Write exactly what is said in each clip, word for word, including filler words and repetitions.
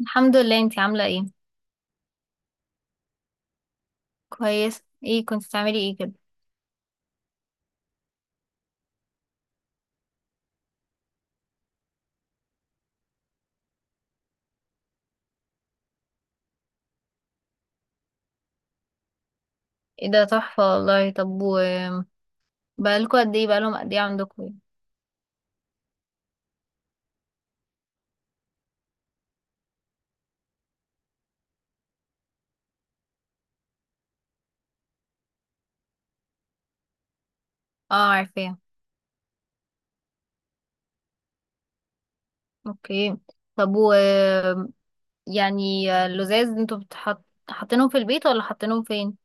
الحمد لله، انتي عاملة ايه؟ كويس. ايه كنت بتعملي ايه كده؟ ايه ده تحفة والله. طب و بقالكوا قد ايه بقالهم قد ايه عندكوا يعني؟ اه، عارفاه. اوكي. طب و يعني اللزاز انتوا بتحط حاطينهم في البيت ولا حاطينهم فين؟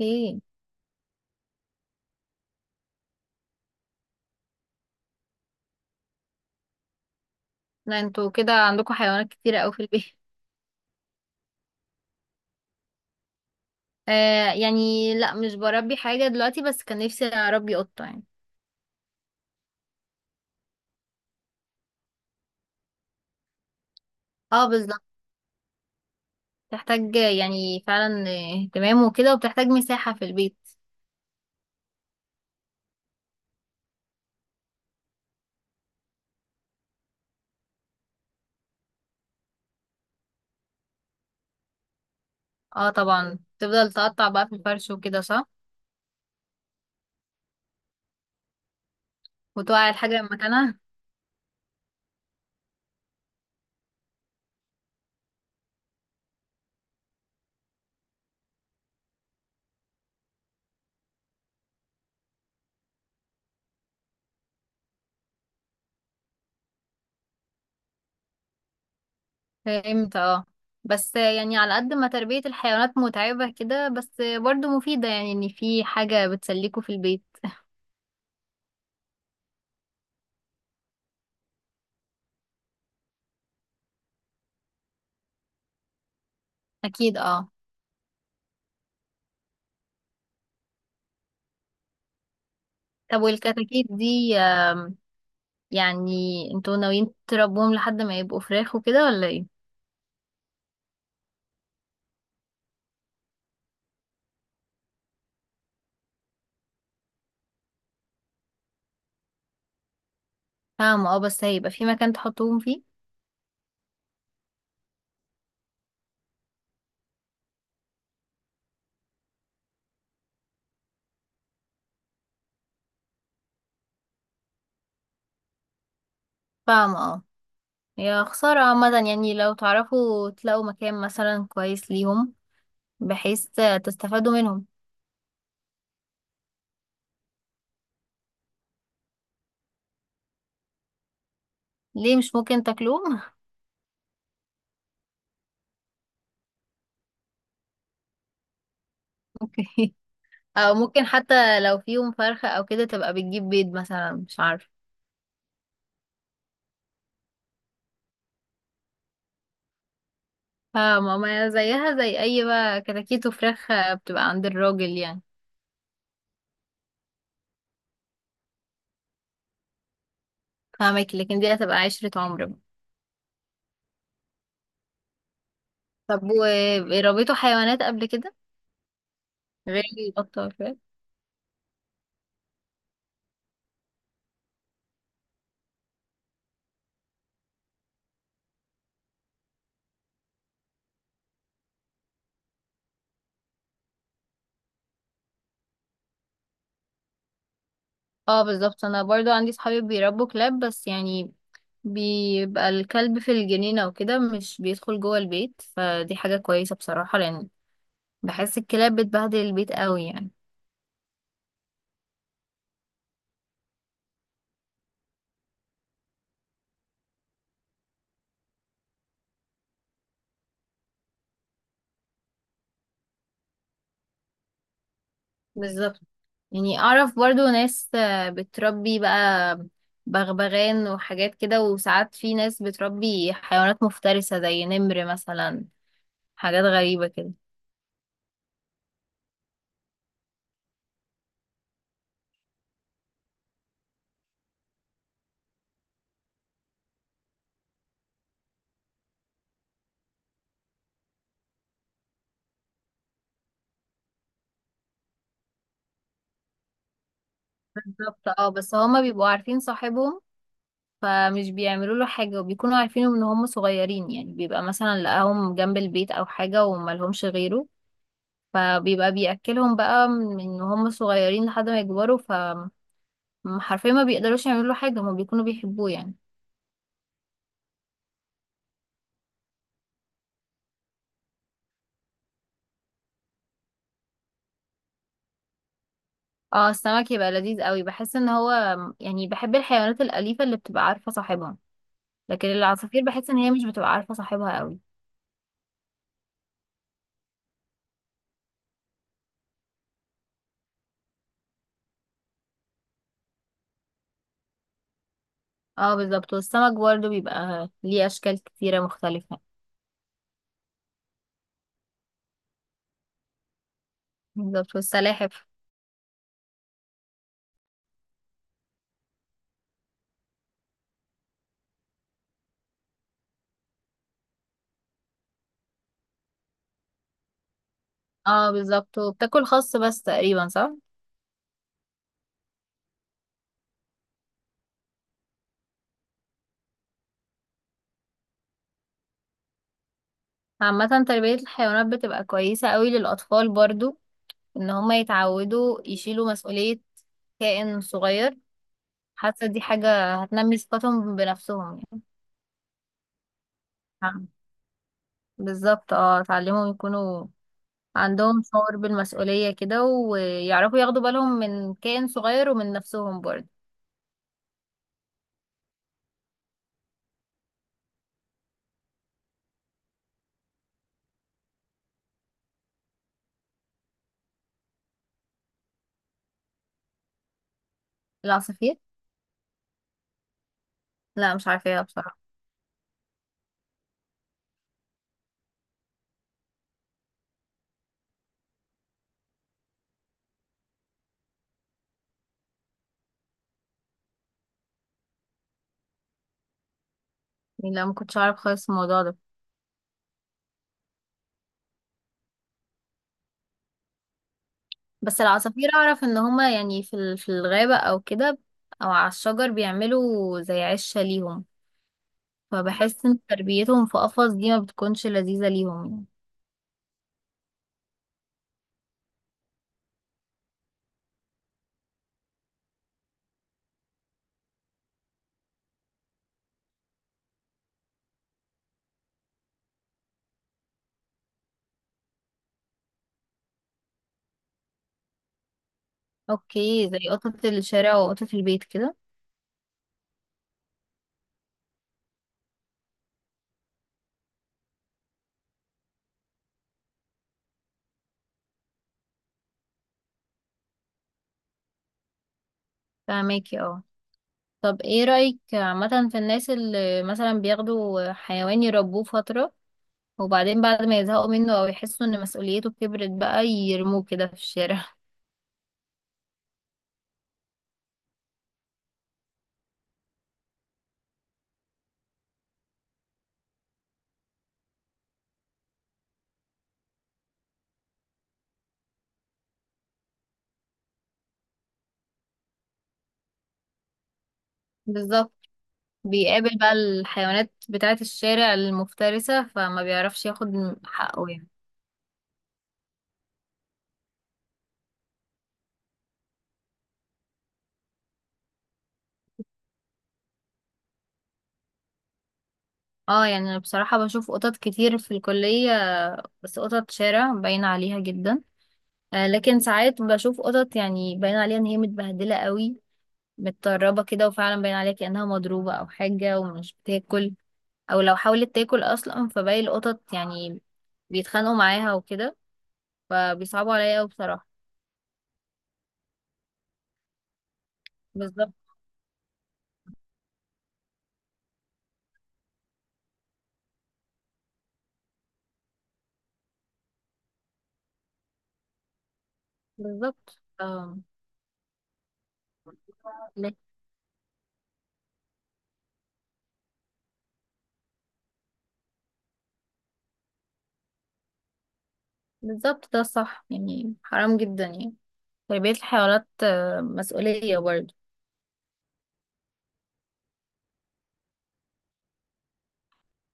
ايه. لا انتوا كده عندكوا حيوانات كتيرة اوي في البيت آه يعني، لا مش بربي حاجة دلوقتي، بس كان نفسي اربي قطة يعني. اه بالظبط. بتحتاج يعني فعلا اهتمام وكده، وبتحتاج مساحة في البيت. اه طبعا، تفضل تقطع بقى في الفرش وكده، صح. وتوقع الحاجة مكانها. امتى؟ اه. بس يعني على قد ما تربية الحيوانات متعبة كده، بس برضو مفيدة يعني ان في حاجة بتسليكوا في البيت. اكيد اه. طب والكتاكيت دي آم، يعني انتوا ناويين تربوهم لحد ما يبقوا فراخ وكده ولا ايه؟ فاهمة اه. بس هيبقى في مكان تحطوهم فيه؟ فاهمة اه. يا خسارة. عامة يعني لو تعرفوا تلاقوا مكان مثلا كويس ليهم، بحيث تستفادوا منهم. ليه مش ممكن تاكلوه؟ اوكي. او ممكن حتى لو فيهم فرخة او كده تبقى بتجيب بيض مثلا، مش عارفه. فماما زيها زي اي بقى، كتاكيت وفراخ بتبقى عند الراجل يعني. فاهمك، لكن دي هتبقى عشرة عمر بقى. طب وربيتوا حيوانات قبل كده غير القطة والكلاب؟ اه بالظبط، انا برضو عندي صحابي بيربوا كلاب، بس يعني بيبقى الكلب في الجنينة وكده، مش بيدخل جوه البيت، فدي حاجة كويسة بصراحة، لأن بحس الكلاب بتبهدل البيت قوي يعني. بالظبط. يعني اعرف برضو ناس آه، بتربي بقى بغبغان وحاجات كده، وساعات في ناس بتربي حيوانات مفترسة زي نمر مثلا، حاجات غريبة كده. بالظبط اه. بس هما بيبقوا عارفين صاحبهم فمش بيعملوا له حاجة، وبيكونوا عارفين ان هم صغيرين يعني، بيبقى مثلا لقاهم جنب البيت او حاجة وملهمش غيره، فبيبقى بيأكلهم بقى من هم صغيرين لحد ما يكبروا، ف حرفيا ما بيقدروش يعملوا له حاجة، هما بيكونوا بيحبوه يعني. اه السمك يبقى لذيذ قوي، بحس ان هو يعني، بحب الحيوانات الأليفة اللي بتبقى عارفة صاحبها. لكن العصافير بحس ان هي مش بتبقى عارفة صاحبها قوي. اه بالظبط، والسمك برضه بيبقى ليه اشكال كتيرة مختلفة. بالظبط. والسلاحف. اه بالظبط، وبتاكل خس بس تقريبا، صح؟ عامة تربية الحيوانات بتبقى كويسة قوي للأطفال برضو، إن هما يتعودوا يشيلوا مسؤولية كائن صغير. حاسة دي حاجة هتنمي ثقتهم بنفسهم يعني. نعم، بالظبط اه، اتعلمهم يكونوا عندهم شعور بالمسؤولية كده، ويعرفوا ياخدوا بالهم من كائن صغير ومن نفسهم برضه. العصافير، لا مش عارفاها بصراحة. يعني لا، ما كنتش اعرف خالص الموضوع ده. بس العصافير اعرف ان هما يعني في ال- في الغابة او كده، او على الشجر بيعملوا زي عشة ليهم. فبحس ان تربيتهم في قفص دي ما بتكونش لذيذة ليهم يعني. اوكي، زي قطة الشارع وقطة البيت كده. فهماكي اه. طب ايه رأيك عامة في الناس اللي مثلا بياخدوا حيوان يربوه فترة، وبعدين بعد ما يزهقوا منه او يحسوا ان مسؤوليته كبرت بقى يرموه كده في الشارع؟ بالظبط. بيقابل بقى الحيوانات بتاعة الشارع المفترسة، فما بيعرفش ياخد حقه يعني. اه يعني انا بصراحة بشوف قطط كتير في الكلية، بس قطط شارع باين عليها جدا. آه لكن ساعات بشوف قطط يعني باين عليها ان هي متبهدلة قوي، متطربة كده، وفعلا باين عليها كأنها مضروبة او حاجة ومش بتاكل، او لو حاولت تاكل اصلا فباقي القطط يعني بيتخانقوا معاها وكده، فبيصعبوا عليا قوي بصراحة. بالظبط. بالظبط اه. ليه؟ بالظبط، ده الصح يعني، حرام جدا يعني، تربية الحيوانات آه، مسؤولية برضه.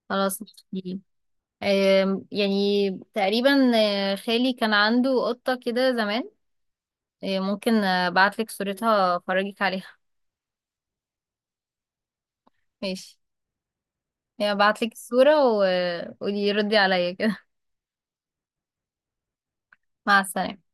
خلاص. دي آم، يعني تقريبا، آه، خالي كان عنده قطة كده زمان، آه، ممكن آه، ابعتلك صورتها افرجك عليها. ماشي. يعني ابعتلك الصورة و- وقولي ردي عليا كده. مع السلامة.